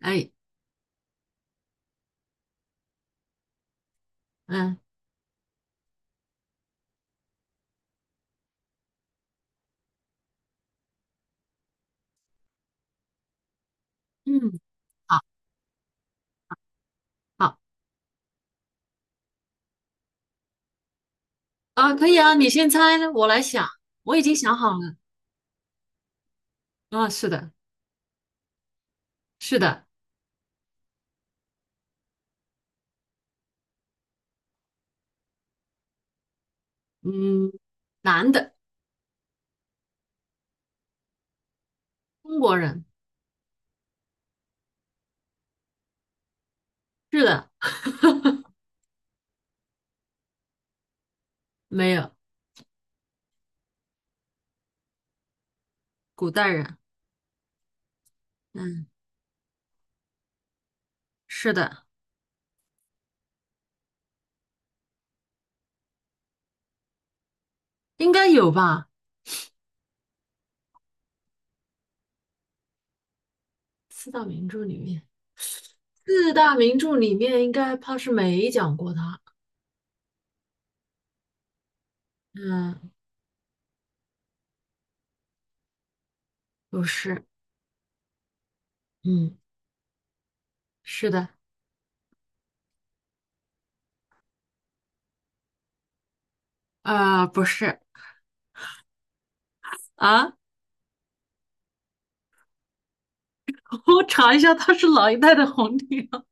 哎，嗯嗯，好，好啊，可以啊，你先猜，我来想，我已经想好了。啊，是的，是的，嗯，男的，中国人，是的，没有，古代人，嗯，是的，应该有吧？四大名著里面，四大名著里面应该怕是没讲过他。嗯，不是，嗯，是的，啊、不是啊，我查一下，他是哪一代的皇帝啊？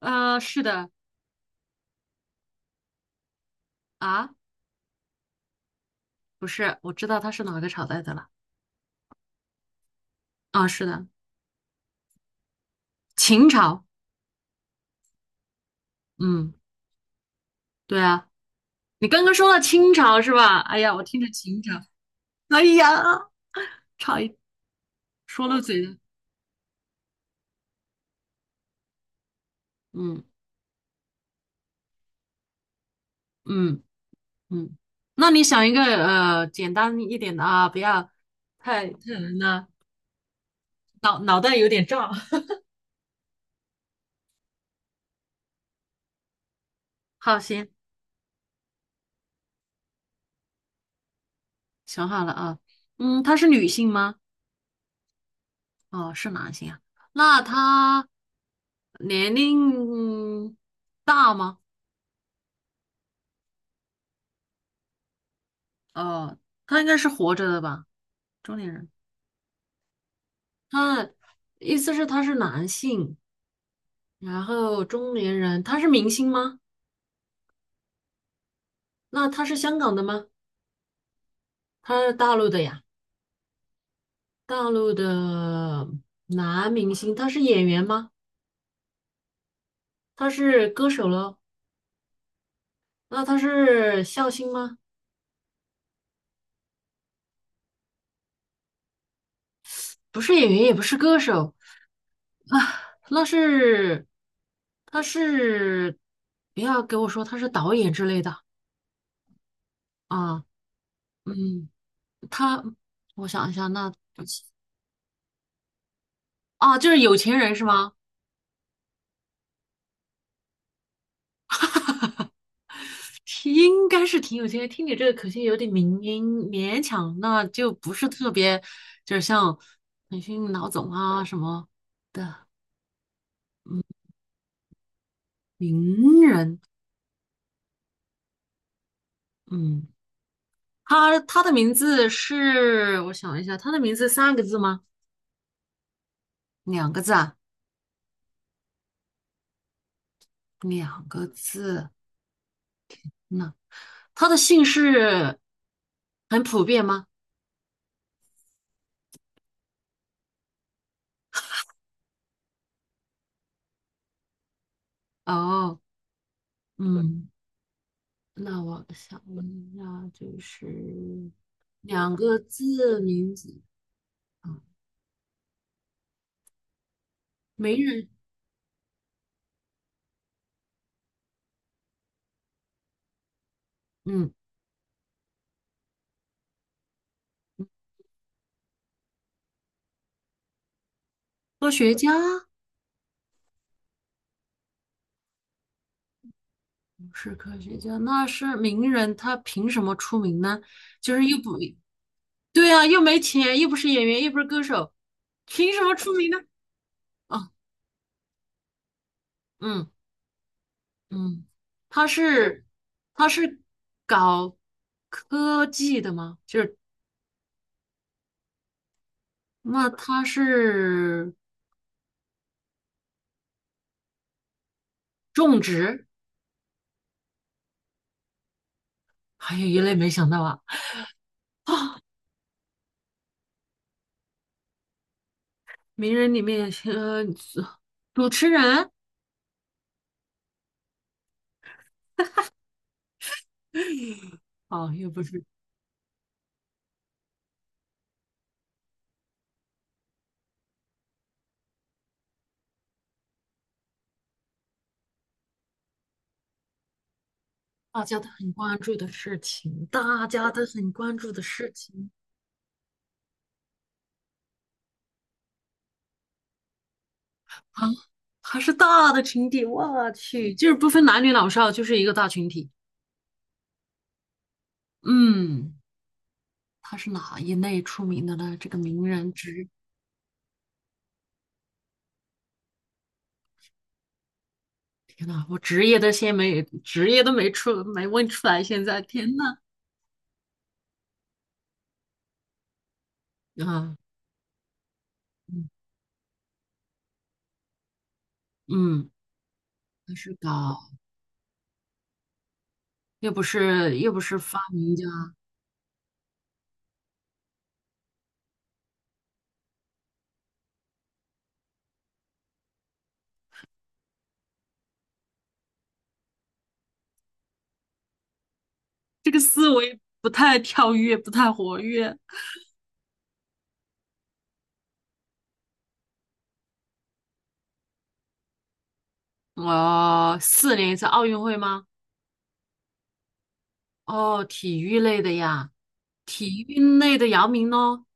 啊、是的，啊。不是，我知道他是哪个朝代的了。啊，是的，秦朝。嗯，对啊，你刚刚说到清朝是吧？哎呀，我听着秦朝，哎呀，差一说漏嘴了。嗯嗯嗯，那你想一个简单一点的啊，不要太难了，脑袋有点胀。好，行，想好了啊。嗯，她是女性吗？哦，是男性啊。那她年龄大吗？哦，她应该是活着的吧？中年人，他意思是他是男性，然后中年人，他是明星吗？那他是香港的吗？他是大陆的呀，大陆的男明星，他是演员吗？他是歌手喽？那他是笑星吗？不是演员，也不是歌手啊，那是他是不要给我说他是导演之类的啊，嗯，他我想一下，那就是有钱人是吗？应该是挺有经验。听你这个口音有点民音，勉强，那就不是特别，就是像腾讯老总啊什么的名人。嗯，他的名字是，我想一下，他的名字三个字吗？两个字啊，两个字。那他的姓氏很普遍吗？哦，嗯，那我想问一下，就是两个字名字啊，没人。嗯，科学家不是科学家，那是名人，他凭什么出名呢？就是又不，对啊，又没钱，又不是演员，又不是歌手，凭什么出名呢？啊，嗯嗯，他是他是搞科技的吗？就是那他是种植，还有一类没想到啊啊，名人里面主持人哦，又不是。大家都很关注的事情，大家都很关注的事情啊，还是大的群体，我去，就是不分男女老少，就是一个大群体。嗯，他是哪一类出名的呢？这个名人职，天呐，我职业都先没，职业都没出，没问出来，现在天呐，啊，嗯嗯，他是搞，又不是发明家，这个思维不太跳跃，不太活跃。4年一次奥运会吗？哦，体育类的呀，体育类的姚明咯，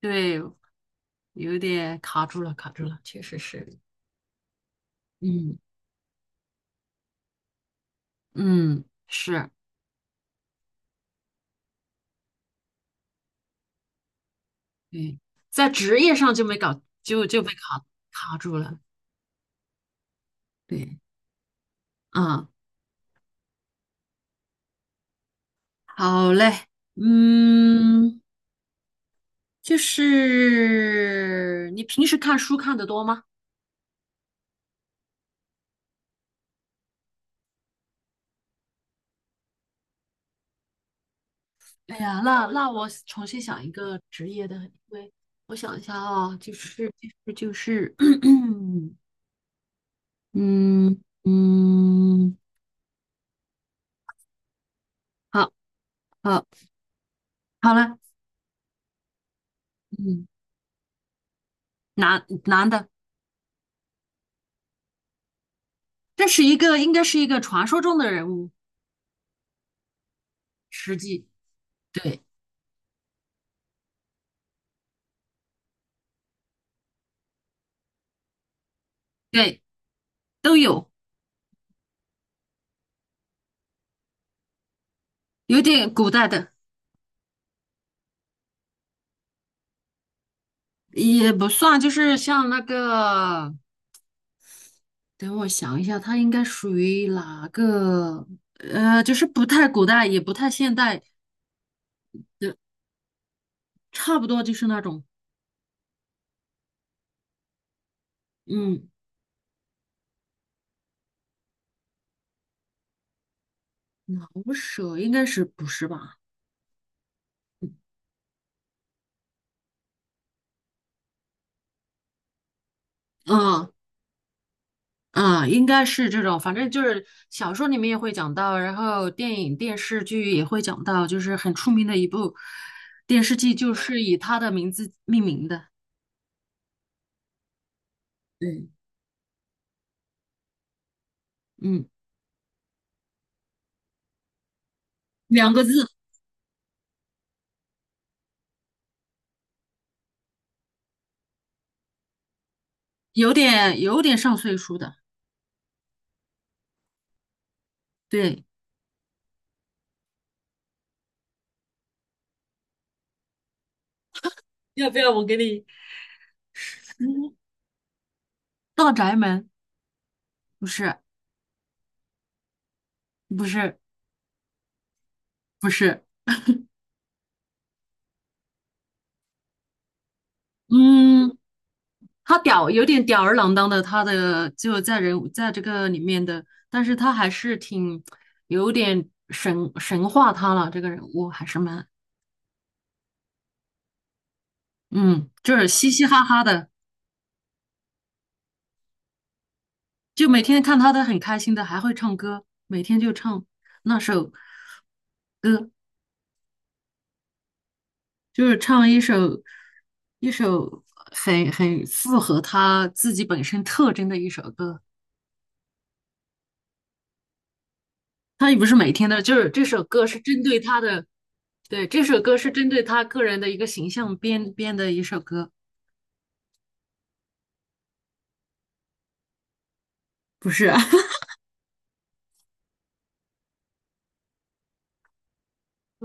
对，有点卡住了，卡住了，确实是，嗯嗯，是，对，在职业上就没搞，就被卡住了，对，啊，好嘞，嗯，就是你平时看书看得多吗？哎呀，那我重新想一个职业的，因为我想一下啊，就是。嗯嗯，好好好了，嗯，男的，这是一个应该是一个传说中的人物，实际对对都有，有点古代的也不算，就是像那个，等我想一下，他应该属于哪个？就是不太古代，也不太现代的，差不多就是那种，嗯，老舍应该是不是吧？嗯，啊，应该是这种，反正就是小说里面也会讲到，然后电影、电视剧也会讲到，就是很出名的一部电视剧，就是以他的名字命名的。对，嗯，两个字，有点上岁数的。对，要不要我给你？嗯，大宅门不是，不是，不是，嗯，他有点吊儿郎当的，他的就在人物在这个里面的，但是他还是挺有点神化他了，这个人物还是蛮嗯，就是嘻嘻哈哈的，就每天看他的很开心的，还会唱歌，每天就唱那首歌，就是唱一首一首很符合他自己本身特征的一首歌。他也不是每天的，就是这首歌是针对他的，对，这首歌是针对他个人的一个形象编的一首歌，不是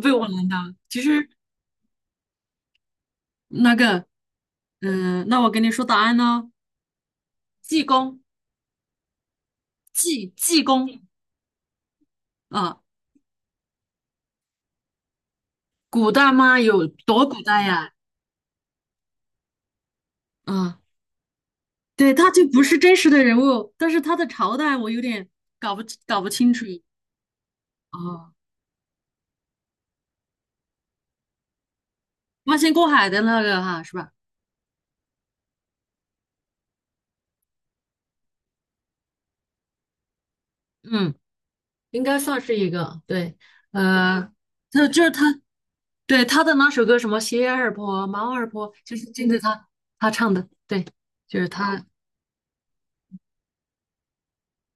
被我难倒。其实那个，嗯、那我跟你说答案呢，济公，济公啊，古代吗？有多古代呀？啊，对，他就不是真实的人物，但是他的朝代我有点搞不清楚。哦，八仙过海的那个哈，是吧？嗯，应该算是一个，对，呃，就是他对，他的那首歌什么《鞋儿破，猫儿破，就是真的他唱的，对，就是他，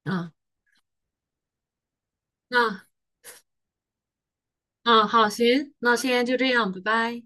啊，啊，啊，好，行，那先就这样，拜拜。